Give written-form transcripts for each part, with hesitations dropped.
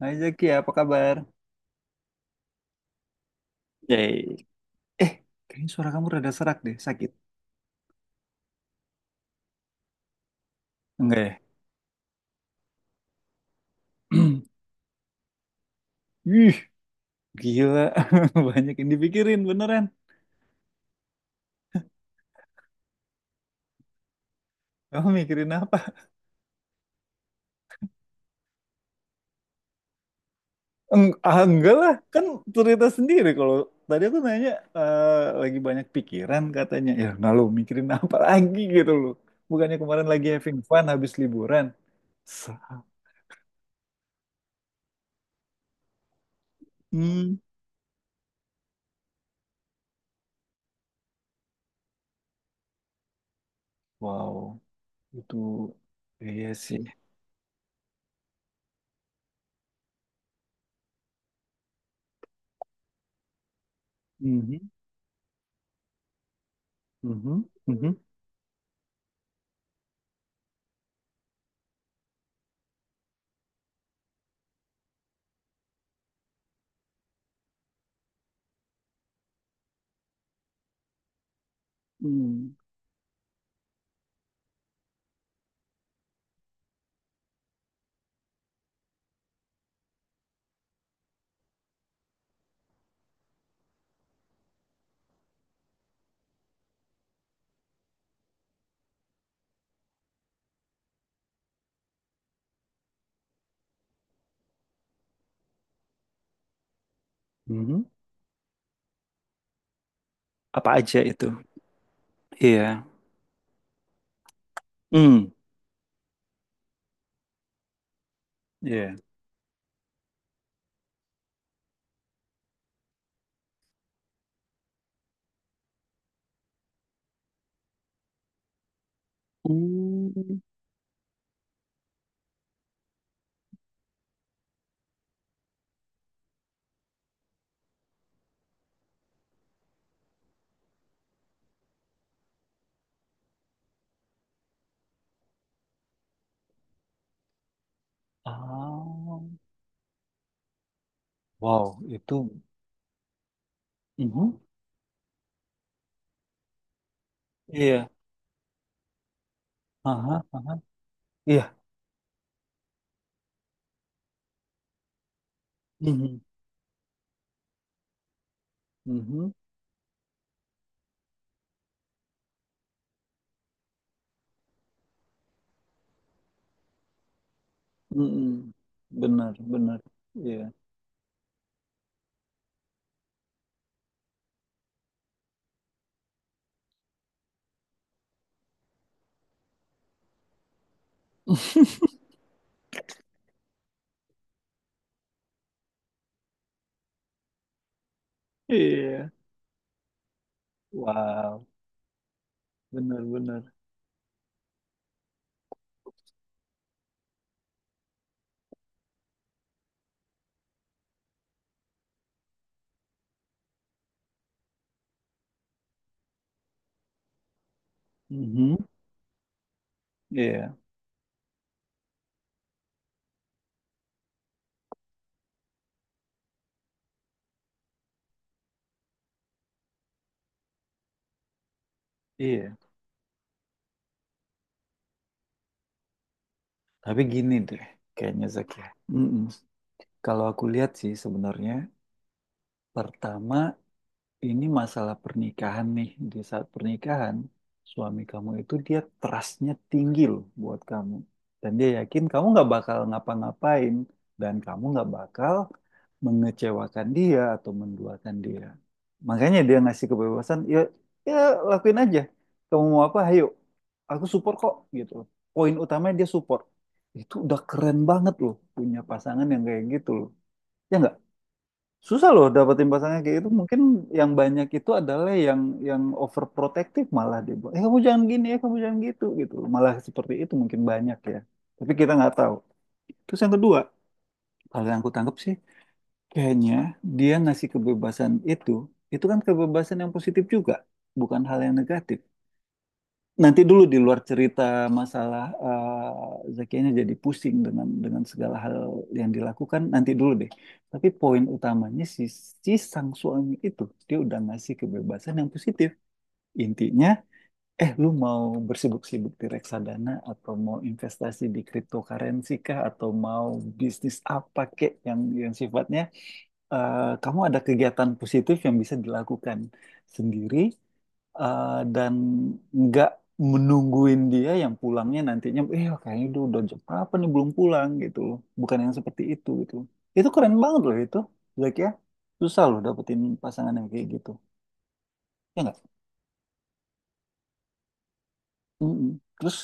Hai Zaki, apa kabar? Yay. Eh, kayaknya suara kamu rada serak deh, sakit. Enggak ya? Ih, gila. Banyak yang dipikirin, beneran. Kamu mikirin apa? Enggak lah, kan cerita sendiri. Kalau tadi aku nanya, eh, lagi banyak pikiran katanya. Ya, nah lo mikirin apa lagi gitu loh. Bukannya kemarin lagi having fun habis liburan. Sa- Hmm, wow, itu iya sih. Mhm, mhm, mhm, mhm, mhm. Apa aja itu? Iya. Hmm. Iya. Hmm. Ah. Wow, itu. Mhm. Iya. Aha, aha. Iya. Mhm. Mhm. Mhm. Benar, benar. Iya. Iya. Wow, benar, benar. Mhm. Iya, iya. Tapi gini deh, kayaknya Zak ya. Mm-mm. Kalau aku lihat sih sebenarnya pertama. Ini masalah pernikahan nih. Di saat pernikahan, suami kamu itu dia trustnya tinggi loh buat kamu. Dan dia yakin kamu nggak bakal ngapa-ngapain. Dan kamu nggak bakal mengecewakan dia atau menduakan dia. Makanya dia ngasih kebebasan, ya, ya lakuin aja. Kamu mau apa, ayo. Aku support kok, gitu loh. Poin utamanya dia support. Itu udah keren banget loh punya pasangan yang kayak gitu loh. Ya nggak? Susah loh dapetin pasangan kayak gitu. Mungkin yang banyak itu adalah yang overprotective malah dia buat. Eh kamu jangan gini, eh kamu jangan gitu gitu. Malah seperti itu mungkin banyak ya. Tapi kita nggak tahu. Terus yang kedua, kalau yang aku tangkap sih, kayaknya dia ngasih kebebasan itu kan kebebasan yang positif juga, bukan hal yang negatif. Nanti dulu, di luar cerita masalah Zakianya jadi pusing dengan segala hal yang dilakukan, nanti dulu deh. Tapi poin utamanya si sang suami itu dia udah ngasih kebebasan yang positif. Intinya, eh lu mau bersibuk-sibuk di reksadana atau mau investasi di cryptocurrency kah atau mau bisnis apa kek yang sifatnya kamu ada kegiatan positif yang bisa dilakukan sendiri, eh, dan nggak menungguin dia yang pulangnya nantinya, kayaknya udah jam berapa nih belum pulang, gitu loh, bukan yang seperti itu gitu. Itu keren banget loh itu, Zack ya. Susah loh dapetin pasangan yang kayak gitu, ya nggak? Mm-mm. Terus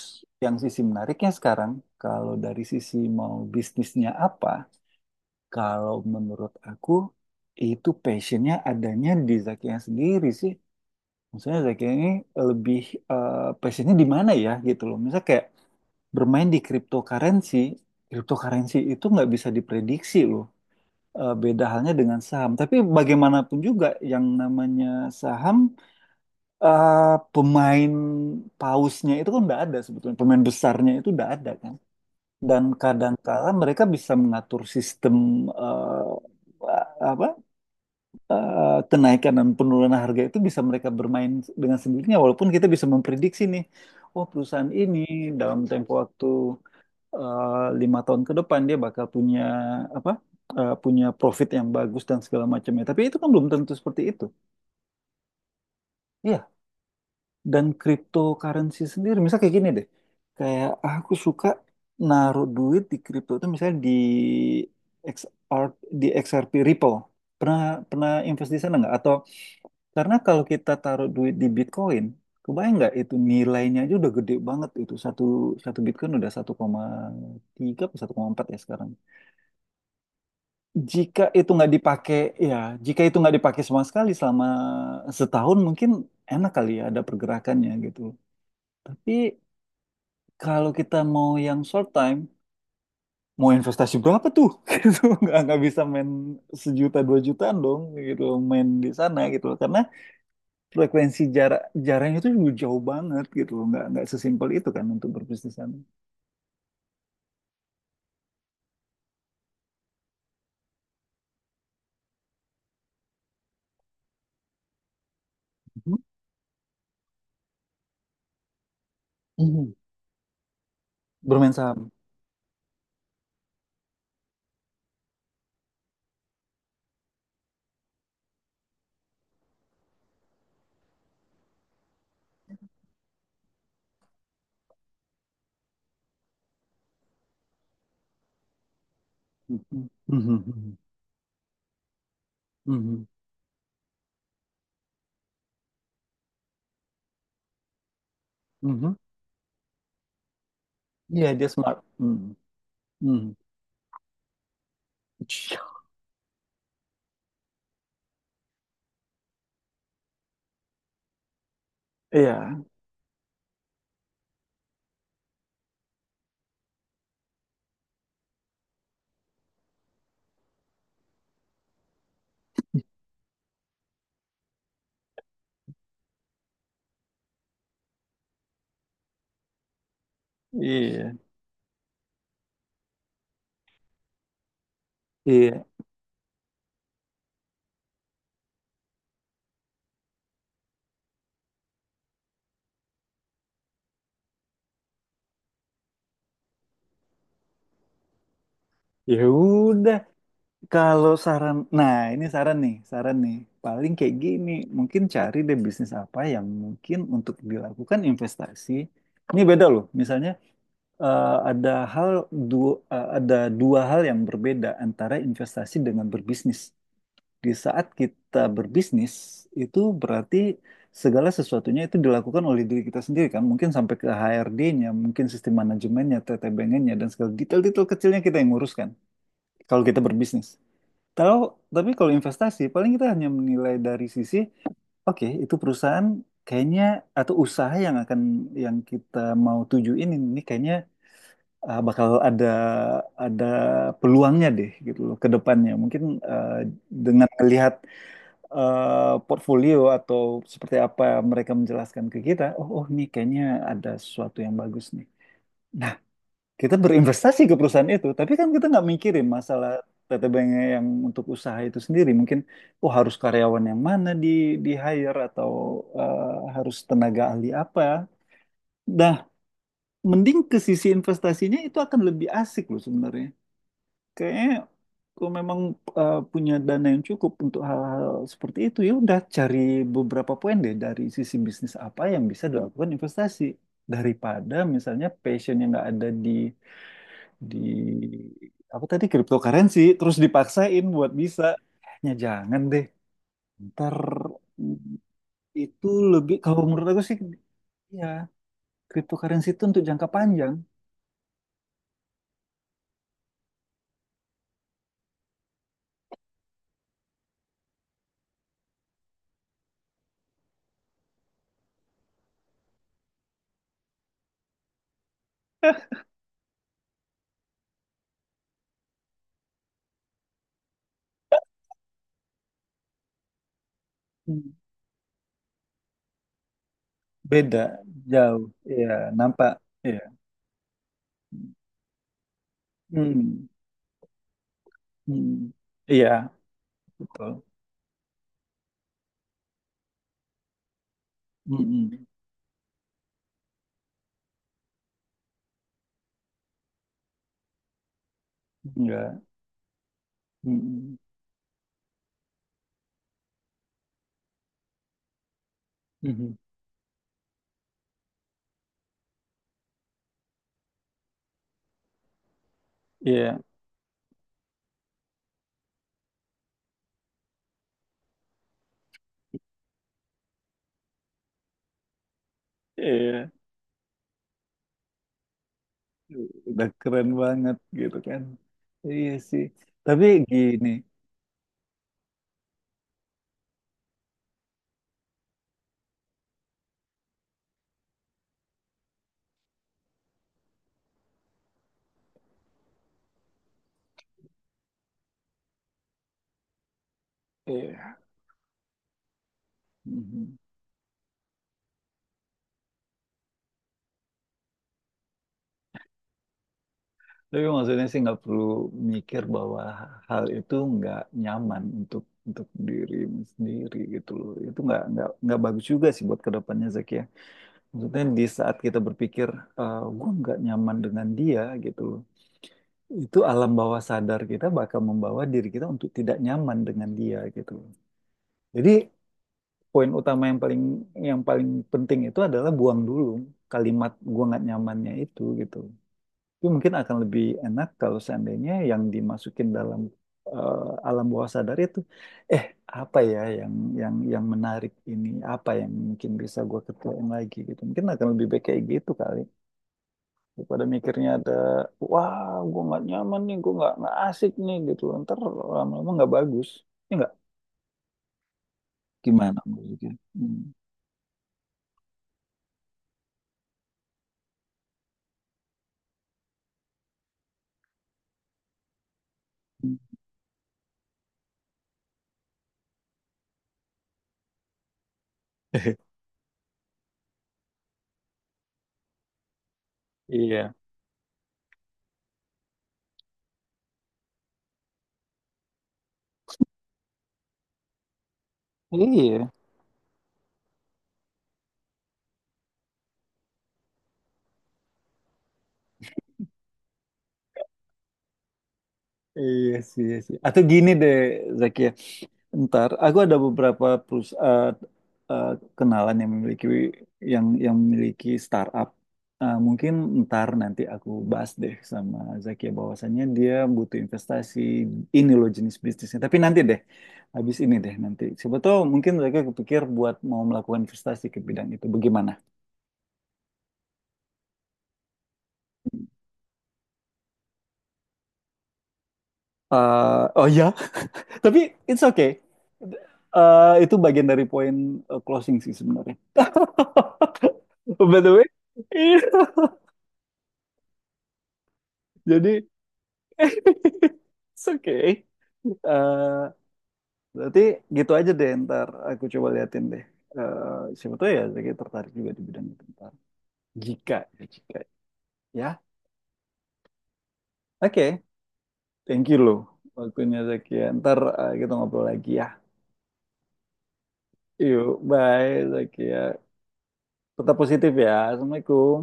yang sisi menariknya sekarang, kalau dari sisi mau bisnisnya apa, kalau menurut aku itu passionnya adanya di Zakinya sendiri sih. Misalnya Zakinya ini lebih passionnya di mana ya gitu loh, misalnya kayak bermain di cryptocurrency, cryptocurrency itu nggak bisa diprediksi loh. Eh, beda halnya dengan saham. Tapi bagaimanapun juga yang namanya saham, eh, pemain pausnya itu kan nggak ada sebetulnya. Pemain besarnya itu nggak ada kan. Dan kadang-kala mereka bisa mengatur sistem, eh, apa kenaikan dan penurunan harga itu bisa mereka bermain dengan sendirinya. Walaupun kita bisa memprediksi nih, oh perusahaan ini dalam tempo waktu 5 tahun ke depan dia bakal punya apa punya profit yang bagus dan segala macamnya. Tapi itu kan belum tentu seperti itu. Iya. Dan cryptocurrency sendiri, misalnya kayak gini deh, kayak, "Ah, aku suka naruh duit di kripto itu misalnya di XR, di XRP Ripple. Pernah pernah invest di sana nggak? Atau karena kalau kita taruh duit di Bitcoin, kebayang nggak itu nilainya aja udah gede banget, itu satu satu Bitcoin udah 1,3 atau 1,4 ya sekarang. Jika itu nggak dipakai, ya, jika itu nggak dipakai sama sekali selama setahun, mungkin enak kali ya ada pergerakannya gitu. Tapi kalau kita mau yang short time, mau investasi berapa tuh? Gitu, nggak bisa main sejuta dua jutaan dong, gitu main di sana gitu. Karena frekuensi jarak itu juga jauh banget gitu, nggak sesimpel itu kan untuk berbisnis di sana. Mhm. Mhm. Bermain saham. Mhm. Mhm. Mhm. Mhm. Mhm. Iya dia smart. Mhm. Mhm. Iya, iya, iya. Ya udah, kalau saran, nah ini saran nih, saran nih. Paling kayak gini, mungkin cari deh bisnis apa yang mungkin untuk dilakukan investasi. Ini beda loh, misalnya eh, ada hal ada dua hal yang berbeda antara investasi dengan berbisnis. Di saat kita berbisnis, itu berarti segala sesuatunya itu dilakukan oleh diri kita sendiri kan. Mungkin sampai ke HRD-nya, mungkin sistem manajemennya, TTBN-nya, dan segala detail-detail kecilnya kita yang nguruskan kalau kita berbisnis. Kalau, tapi kalau investasi, paling kita hanya menilai dari sisi, oke, itu perusahaan kayaknya, atau usaha yang akan, yang kita mau tuju ini kayaknya bakal ada ada peluangnya deh gitu loh ke depannya. Mungkin dengan melihat portfolio atau seperti apa mereka menjelaskan ke kita, oh, oh nih kayaknya ada sesuatu yang bagus nih. Nah, kita berinvestasi ke perusahaan itu, tapi kan kita nggak mikirin masalah TTB-nya yang untuk usaha itu sendiri. Mungkin, oh harus karyawan yang mana di hire atau harus tenaga ahli apa. Nah, mending ke sisi investasinya itu akan lebih asik loh sebenarnya. Kayaknya kalau memang punya dana yang cukup untuk hal-hal seperti itu, ya udah cari beberapa poin deh dari sisi bisnis apa yang bisa dilakukan investasi, daripada misalnya passion yang nggak ada di apa tadi cryptocurrency terus dipaksain buat bisa, ya jangan deh. Ntar mm, itu lebih kalau menurut aku sih ya, cryptocurrency itu untuk jangka panjang. Hmm. Beda jauh ya nampak ya. Hmm. Hmm. Iya, betul. Mm-mm. Enggak. Mm-mm. Mhm. Iya, iya. Udah keren banget gitu kan. Iya sih. Tapi gini, iya. Mhm. Tapi maksudnya sih nggak perlu mikir bahwa hal itu nggak nyaman untuk dirimu sendiri gitu loh. Itu nggak bagus juga sih buat kedepannya Zaki ya. Maksudnya di saat kita berpikir, eh gue nggak nyaman dengan dia gitu loh, itu alam bawah sadar kita bakal membawa diri kita untuk tidak nyaman dengan dia gitu. Jadi poin utama yang paling penting itu adalah buang dulu kalimat gua nggak nyamannya itu gitu. Itu mungkin akan lebih enak kalau seandainya yang dimasukin dalam eh, alam bawah sadar itu eh apa ya yang menarik ini apa yang mungkin bisa gua ketuain lagi gitu. Mungkin akan lebih baik kayak gitu kali, daripada mikirnya ada wah gue nggak nyaman nih, gue nggak asik nih gitu, ntar lama-lama nggak bagus, ya nggak, gimana maksudnya. Hmm. Iya. iya iya sih, atau gini deh Zaki ya. Ntar, aku ada beberapa eh, kenalan yang memiliki yang memiliki startup. Eh, mungkin nanti aku bahas deh sama Zakia bahwasannya dia butuh investasi ini loh jenis bisnisnya. Tapi nanti deh, habis ini deh nanti. Siapa tahu mungkin mereka kepikir buat mau melakukan investasi ke bidang itu. Bagaimana? Eh, oh ya, tapi it's okay. Eh, itu bagian dari poin closing sih sebenarnya. By the way, iya. Jadi it's okay. Eh, berarti gitu aja deh ntar aku coba liatin deh. Eh, siapa tahu ya Zaki tertarik juga di bidang itu ntar. Jika, jika ya. Oke, thank you loh. Waktunya Zaki ya. Ntar kita ngobrol lagi ya. Yuk, bye Zaki ya. Tetap positif ya, assalamualaikum.